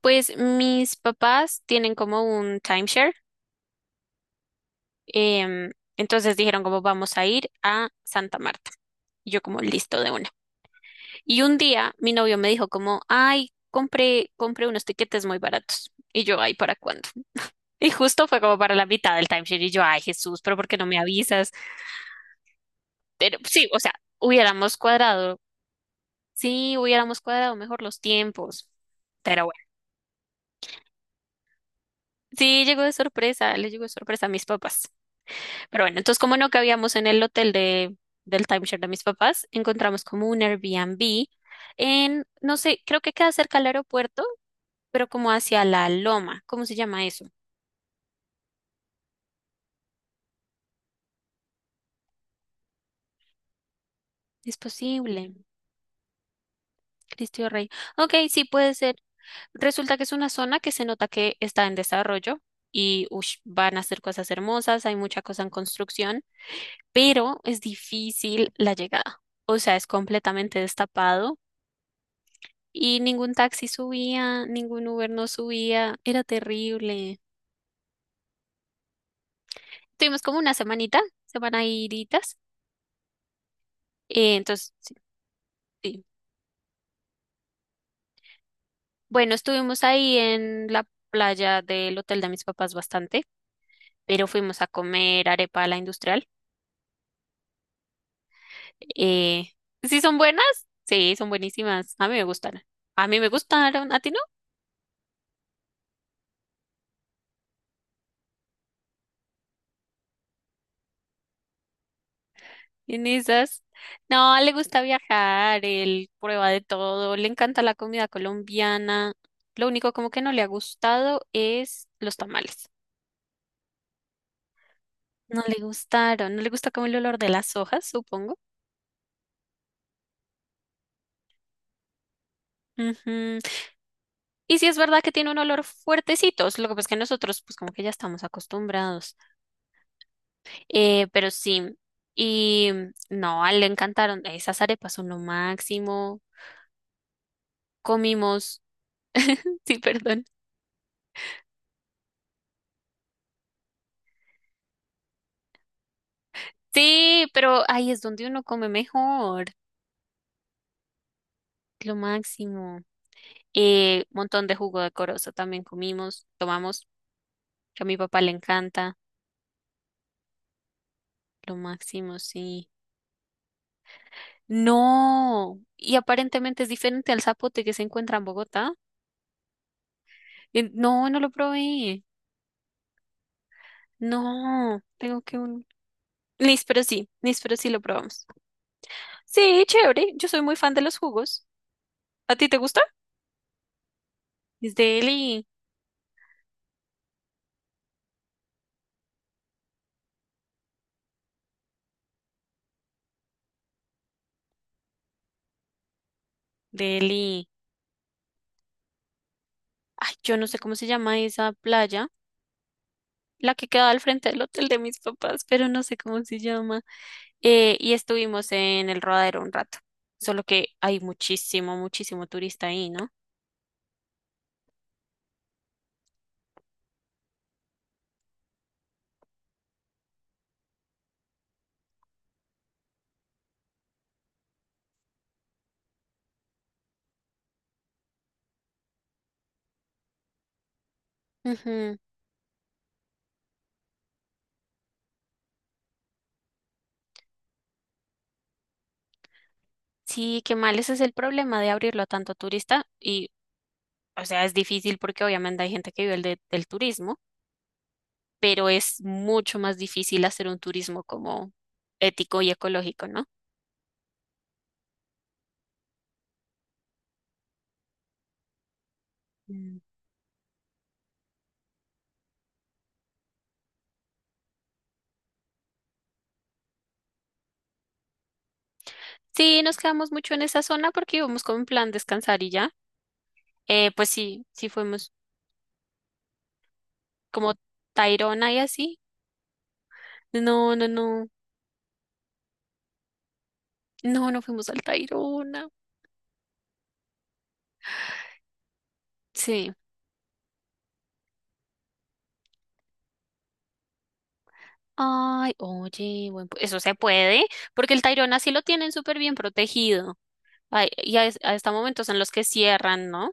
Pues mis papás tienen como un timeshare, em, entonces dijeron como vamos a ir a Santa Marta. Y yo como listo de una. Y un día mi novio me dijo como, ay, compré unos tiquetes muy baratos. Y yo, ay, ¿para cuándo? Y justo fue como para la mitad del timeshare. Y yo, ay, Jesús, pero ¿por qué no me avisas? Pero sí, o sea, hubiéramos cuadrado, sí, hubiéramos cuadrado mejor los tiempos. Pero bueno. Sí, llegó de sorpresa, le llegó de sorpresa a mis papás. Pero bueno, entonces como no cabíamos en el del timeshare de mis papás, encontramos como un Airbnb en, no sé, creo que queda cerca al aeropuerto, pero como hacia la Loma. ¿Cómo se llama eso? Es posible. Cristo Rey. Ok, sí puede ser. Resulta que es una zona que se nota que está en desarrollo y ush, van a hacer cosas hermosas, hay mucha cosa en construcción, pero es difícil la llegada. O sea, es completamente destapado. Y ningún taxi subía, ningún Uber no subía, era terrible. Tuvimos como una semanita, semana iritas. Entonces sí. Bueno, estuvimos ahí en la playa del hotel de mis papás bastante, pero fuimos a comer arepa a la industrial. Eh, ¿Sí son buenas? Sí, son buenísimas. A mí me gustaron. A mí me gustaron. ¿A ti no? En esas, no, le gusta viajar, él prueba de todo, le encanta la comida colombiana. Lo único como que no le ha gustado es los tamales. No le gustaron, no le gusta como el olor de las hojas, supongo. Ujú. Y sí es verdad que tiene un olor fuertecito, lo que pasa es que nosotros pues como que ya estamos acostumbrados. Pero sí, y no, a él le encantaron, esas arepas son lo máximo. Comimos, sí, perdón. Sí, pero ahí es donde uno come mejor. Lo máximo. Montón de jugo de corozo también comimos, tomamos, que a mi papá le encanta. Lo máximo, sí. No, y aparentemente es diferente al zapote que se encuentra en Bogotá. No, no lo probé. No, tengo que un... nis, pero sí lo probamos. Sí, chévere. Yo soy muy fan de los jugos. ¿A ti te gusta? Es Delhi, Delhi. Ay, yo no sé cómo se llama esa playa. La que quedaba al frente del hotel de mis papás, pero no sé cómo se llama. Y estuvimos en el Rodadero un rato, solo que hay muchísimo, muchísimo turista ahí, ¿no? Ujú. Sí, qué mal, ese es el problema de abrirlo a tanto turista, o sea, es difícil porque obviamente hay gente que vive del turismo. Pero es mucho más difícil hacer un turismo como ético y ecológico, ¿no? Mm. Sí, nos quedamos mucho en esa zona porque íbamos como en plan descansar y ya. Pues sí, sí fuimos como Tayrona y así. No, no, no, no, no fuimos al Tayrona. Sí. Ay, oye, eso se puede, porque el Tayrona sí lo tienen súper bien protegido. Ay, y a, es- a hasta momentos en los que cierran, ¿no?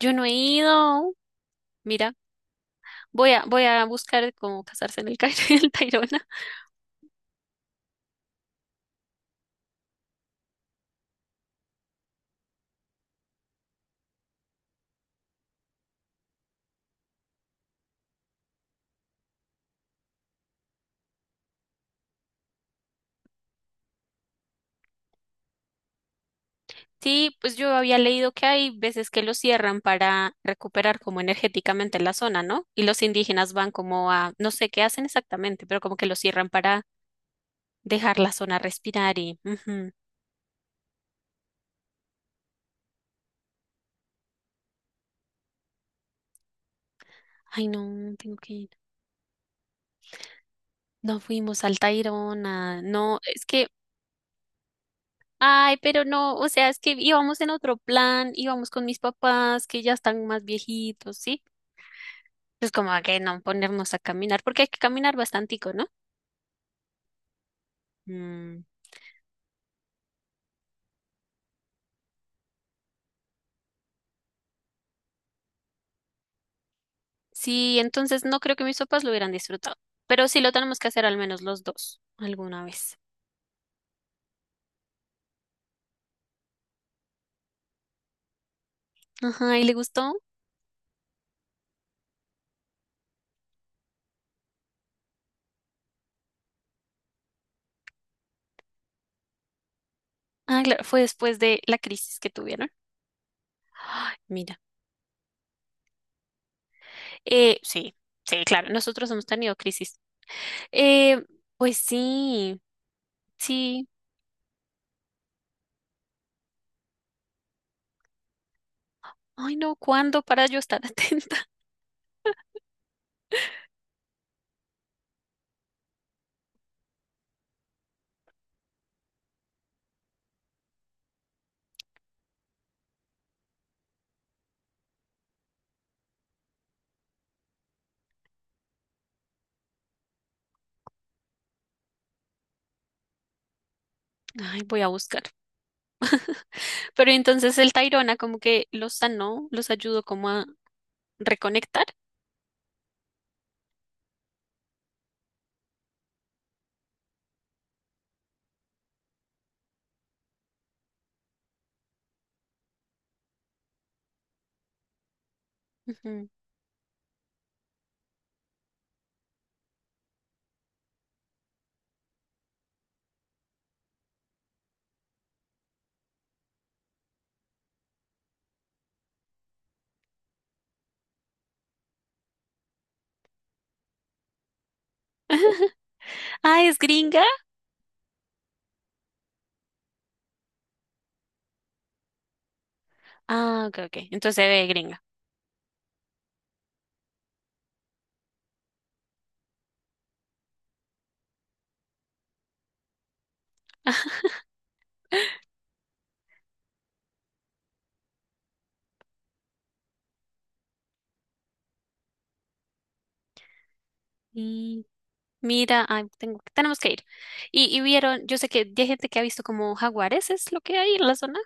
Yo no he ido. Mira. Voy a buscar cómo casarse en el Cairo y el Tayrona. Sí, pues yo había leído que hay veces que lo cierran para recuperar como energéticamente la zona, ¿no? Y los indígenas van como a, no sé qué hacen exactamente, pero como que lo cierran para dejar la zona respirar y... ujú. Ay, no, tengo que ir. No fuimos al Tayrona, no, es que... Ay, pero no, o sea, es que íbamos en otro plan, íbamos con mis papás que ya están más viejitos, ¿sí? Pues como a que no ponernos a caminar, porque hay que caminar bastantico, ¿no? Mm. Sí, entonces no creo que mis papás lo hubieran disfrutado, pero sí lo tenemos que hacer al menos los dos alguna vez. Ajá, ¿y le gustó? Ah, claro, fue después de la crisis que tuvieron. Ay, mira, sí, sí, claro, nosotros hemos tenido crisis. Eh, pues sí, sí. Ay, no, ¿cuándo para yo estar atenta? Ay, voy a buscar. Pero entonces el tayrona como que los sanó, los ayudó como a reconectar. Ujú. Ah, ¿es gringa? Ah, ok, ok. Entonces se ve gringa. Mira, ay, tengo, tenemos que ir. Y vieron, yo sé que ya hay gente que ha visto como jaguares, es lo que hay en la zona.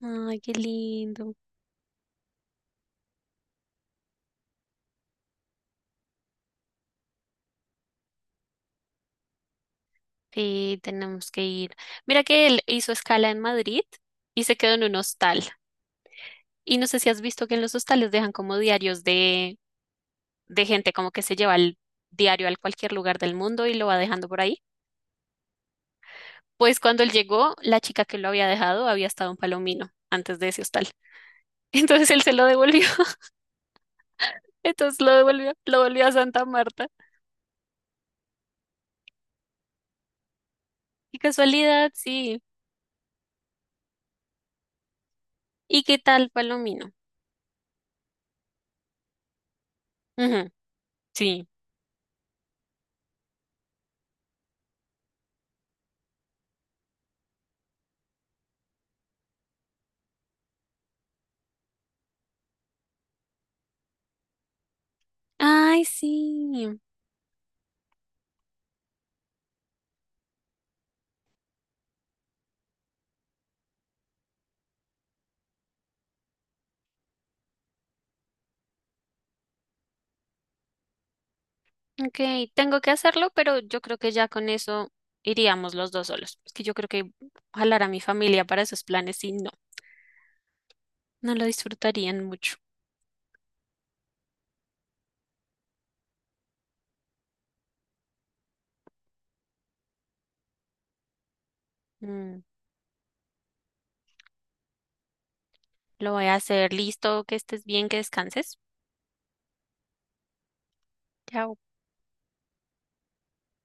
Ay, qué lindo. Sí, tenemos que ir. Mira que él hizo escala en Madrid y se quedó en un hostal. Y no sé si has visto que en los hostales dejan como diarios de gente como que se lleva el diario al cualquier lugar del mundo y lo va dejando por ahí. Pues cuando él llegó, la chica que lo había dejado había estado en Palomino antes de ese hostal. Entonces él se lo devolvió. Entonces lo devolvió, lo volvió a Santa Marta. Qué casualidad, sí. ¿Y qué tal, Palomino? Ujú, sí. Ay, sí. Ok, tengo que hacerlo, pero yo creo que ya con eso iríamos los dos solos. Es que yo creo que jalar a mi familia para esos planes y no, no lo disfrutarían mucho. Mm, lo voy a hacer. Listo, que estés bien, que descanses. Chao.